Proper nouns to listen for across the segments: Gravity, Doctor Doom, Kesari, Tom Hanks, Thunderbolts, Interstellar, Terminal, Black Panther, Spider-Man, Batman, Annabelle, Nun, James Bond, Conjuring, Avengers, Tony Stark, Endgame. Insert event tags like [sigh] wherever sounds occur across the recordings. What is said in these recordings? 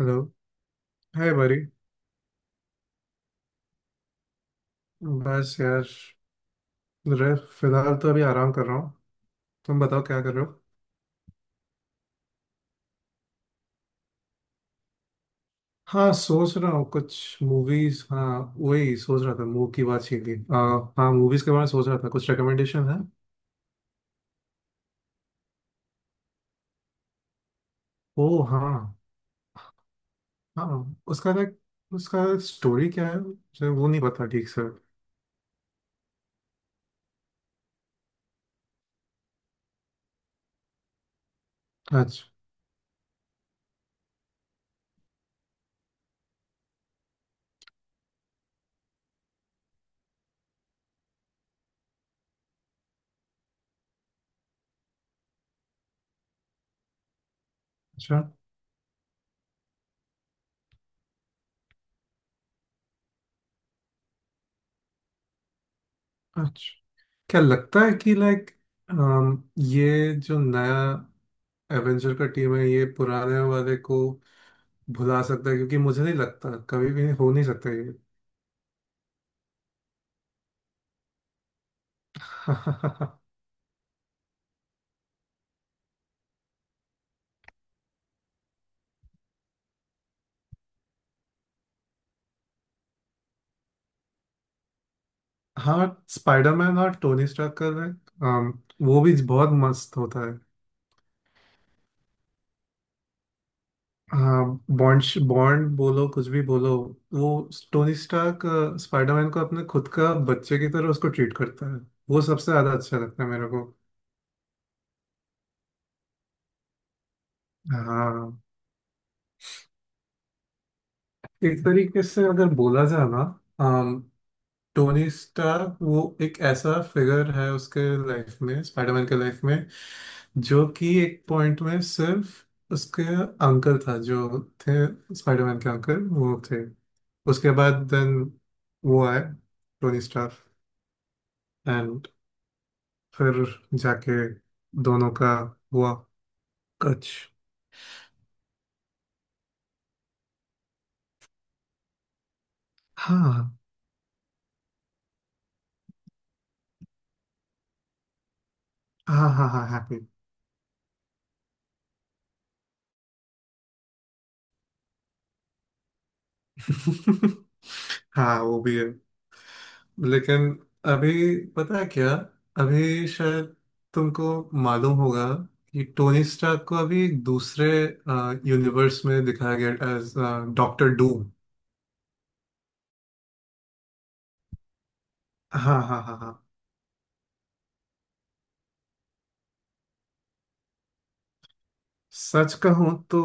Hello. Hi बरी। बस यार फिलहाल तो अभी आराम कर रहा हूँ। तुम बताओ क्या कर रहे हो। हाँ सोच रहा हूँ कुछ मूवीज। हाँ वही सोच रहा था, मूव की बात छीन ली। हाँ मूवीज के बारे में सोच रहा था, कुछ रिकमेंडेशन है? ओ हाँ। हाँ उसका स्टोरी क्या है मुझे वो नहीं पता ठीक से। अच्छा। अच्छा। अच्छा, क्या लगता है कि लाइक, ये जो नया एवेंजर का टीम है ये पुराने वाले को भुला सकता है? क्योंकि मुझे नहीं लगता कभी भी हो नहीं सकता ये। [laughs] हाँ, स्पाइडरमैन और टोनी स्टार्क का है। अम, वो भी बहुत मस्त होता है। हाँ बॉन्ड, बॉन्ड बोलो कुछ भी बोलो। वो टोनी स्टार्क स्पाइडरमैन को अपने खुद का बच्चे की तरह उसको ट्रीट करता है। वो सबसे ज्यादा अच्छा लगता है मेरे को। हाँ एक तरीके से अगर बोला जाए ना, टोनी स्टार्क वो एक ऐसा फिगर है उसके लाइफ में, स्पाइडरमैन के लाइफ में, जो कि एक पॉइंट में सिर्फ उसके अंकल था, जो थे, स्पाइडरमैन के अंकल वो थे। उसके बाद देन वो आए टोनी स्टार्क एंड फिर जाके दोनों का हुआ कच। हाँ हाँ हाँ हाँ, हैप्पी। [laughs] हाँ वो भी है। लेकिन अभी पता है क्या, अभी शायद तुमको मालूम होगा कि टोनी स्टार्क को अभी दूसरे यूनिवर्स में दिखाया गया एज डॉक्टर डूम। हाँ हाँ हाँ हाँ। सच कहूँ तो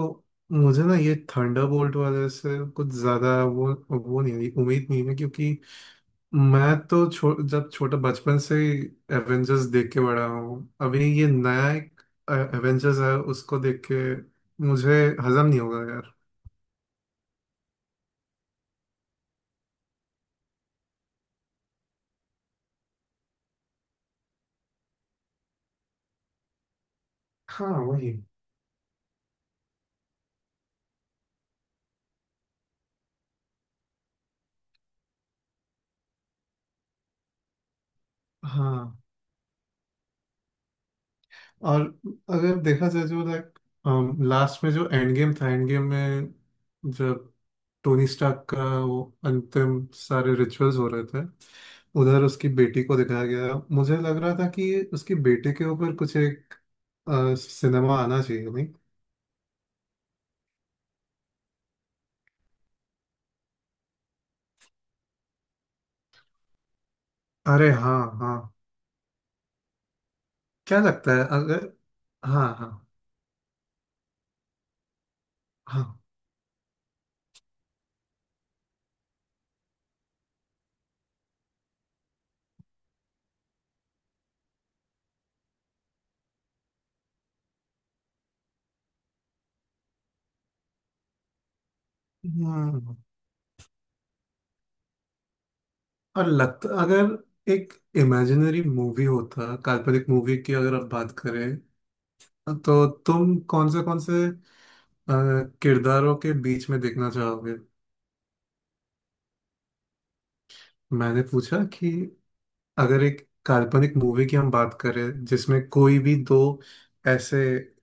मुझे ना ये थंडरबोल्ट वाले से कुछ ज्यादा वो नहीं है, उम्मीद नहीं है, क्योंकि मैं तो जब छोटा बचपन से ही एवेंजर्स देख के बड़ा हूँ। अभी ये नया एक एवेंजर्स है उसको देख के मुझे हजम नहीं होगा यार। हाँ वही। हाँ। और अगर देखा जाए जो लाइक, लास्ट में जो एंड गेम था, एंड गेम में जब टोनी स्टार्क का वो अंतिम सारे रिचुअल्स हो रहे थे, उधर उसकी बेटी को दिखाया गया। मुझे लग रहा था कि उसकी बेटे के ऊपर कुछ एक सिनेमा आना चाहिए नहीं? अरे हाँ हाँ। क्या लगता है अगर, हाँ हाँ हाँ। हम्म। और लगता अगर एक इमेजिनरी मूवी होता, काल्पनिक मूवी की अगर आप बात करें, तो तुम कौन से अ, किरदारों के बीच में देखना चाहोगे? मैंने पूछा कि अगर एक काल्पनिक मूवी की हम बात करें जिसमें कोई भी दो ऐसे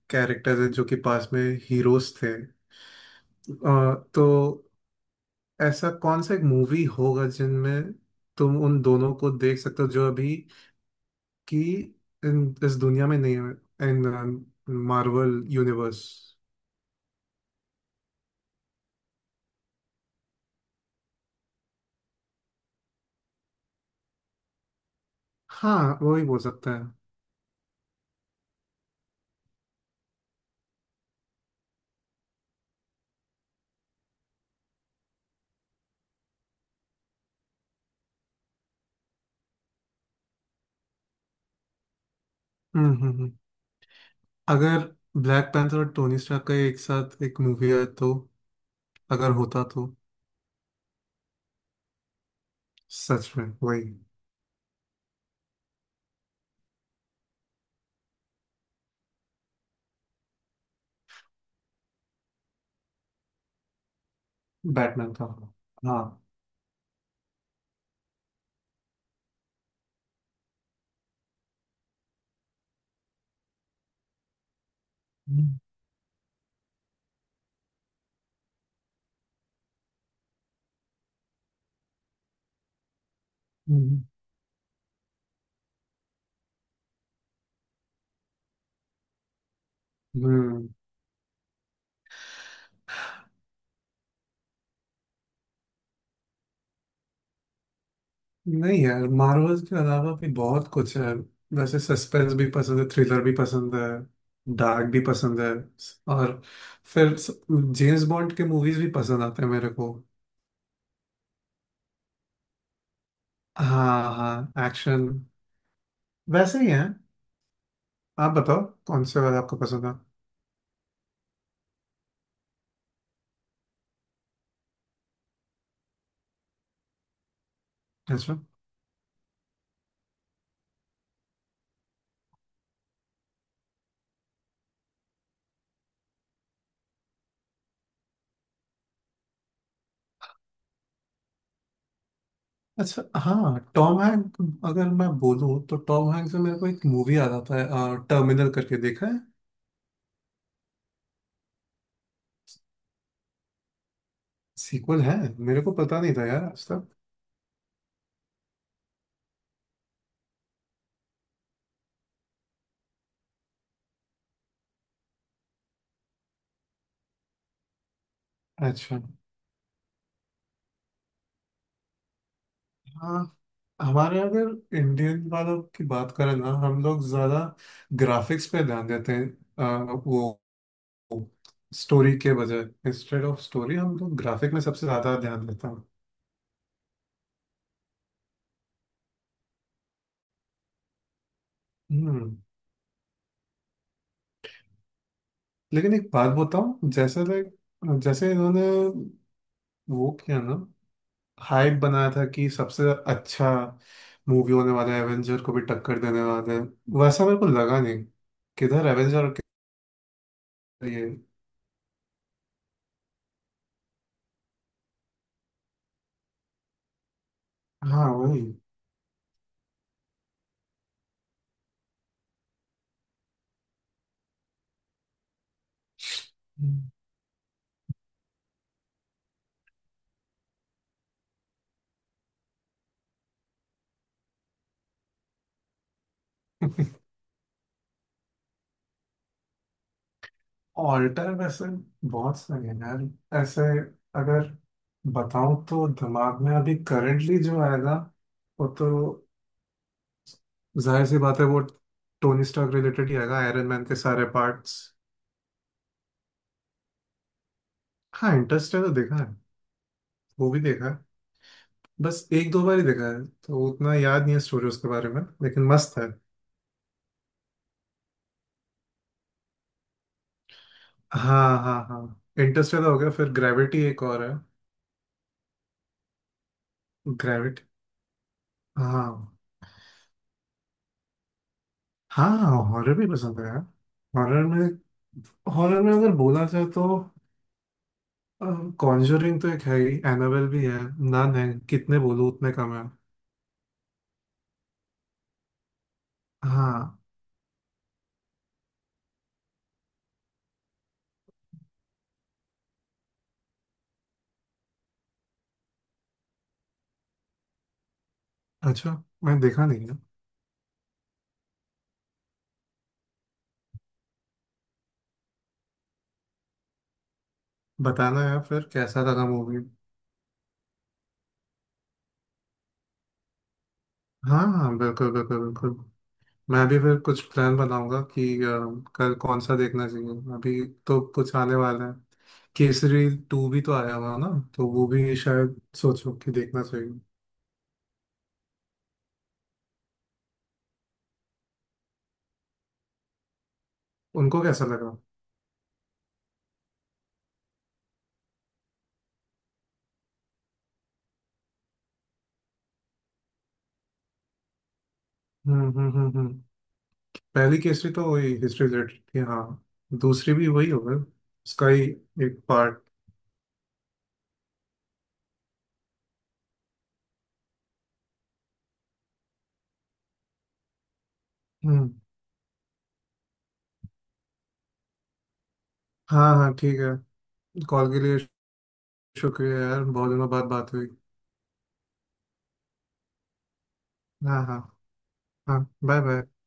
कैरेक्टर्स हैं जो कि पास में हीरोज थे, तो ऐसा कौन सा एक मूवी होगा जिनमें तुम उन दोनों को देख सकते हो, जो अभी की इस दुनिया में नहीं है, इन मार्वल यूनिवर्स। हाँ वही बोल सकते हैं। हम्म हम्म हम्म। अगर ब्लैक पैंथर और टोनी स्टार्क का एक साथ एक मूवी है तो, अगर होता तो सच में वही, बैटमैन का होगा। हाँ। हम्म, हम्म। हम्म। नहीं यार, मार्वल्स के अलावा भी बहुत कुछ है। वैसे सस्पेंस भी पसंद है, थ्रिलर भी पसंद है, डार्क भी पसंद है, और फिर जेम्स बॉन्ड के मूवीज भी पसंद आते हैं मेरे को। हाँ हाँ, एक्शन वैसे ही है। आप बताओ कौन से वाला आपको पसंद है? अच्छा। अच्छा, हाँ टॉम हैंक। अगर मैं बोलूँ तो टॉम हैंक से मेरे को एक मूवी आ जाता है, टर्मिनल करके, देखा है? सीक्वल है, मेरे को पता नहीं था यार आज तक। अच्छा। हाँ हमारे, अगर इंडियन वालों की बात करें ना, हम लोग ज़्यादा ग्राफिक्स पे ध्यान देते हैं वो स्टोरी के बजाय। इंस्टेड ऑफ स्टोरी हम लोग ग्राफिक में सबसे ज़्यादा ध्यान देते हैं। हम्म। लेकिन एक बात बताऊं, जैसे लाइक, जैसे इन्होंने वो किया ना, हाइप बनाया था कि सबसे अच्छा मूवी होने वाला है, एवेंजर को भी टक्कर देने वाला है। वैसा मेरे को लगा नहीं। किधर एवेंजर, और किधर ये। हाँ वही। ऑल्टर [laughs] वैसे बहुत सारे हैं यार ऐसे। अगर बताऊं तो दिमाग में अभी करंटली जो आएगा वो तो जाहिर सी बात है, वो टोनी स्टार्क रिलेटेड ही आएगा, आयरन मैन के सारे पार्ट्स। हाँ इंटरेस्टेलर देखा है। वो भी देखा है। बस एक दो बार ही देखा है, तो उतना याद नहीं है स्टोरी उसके बारे में, लेकिन मस्त है। हाँ हाँ हाँ, इंटरस्टेलर हो गया, फिर ग्रेविटी एक और है। ग्रेविटी। हाँ। हाँ हॉरर भी पसंद है यार। हॉरर में, हॉरर में अगर बोला जाए तो कॉन्जरिंग तो एक है ही, एनाबेल भी है, नन है, कितने बोलूँ उतने कम है। हाँ। अच्छा, मैं देखा नहीं है। बताना यार फिर कैसा लगा मूवी। हाँ हाँ, बिल्कुल बिल्कुल बिल्कुल। मैं भी फिर कुछ प्लान बनाऊंगा कि कल कौन सा देखना चाहिए। अभी तो कुछ आने वाला है, केसरी 2 भी तो आया हुआ ना, तो वो भी शायद सोचो कि देखना चाहिए। उनको कैसा लगा? हम्म। पहली केसरी तो वही हिस्ट्री रिलेटेड थी हाँ। दूसरी भी वही होगा, उसका ही एक पार्ट। हम्म। हाँ हाँ ठीक है। कॉल के लिए शुक्रिया यार, बहुत दिनों बाद बात हुई। हाँ हाँ। हाँ बाय बाय।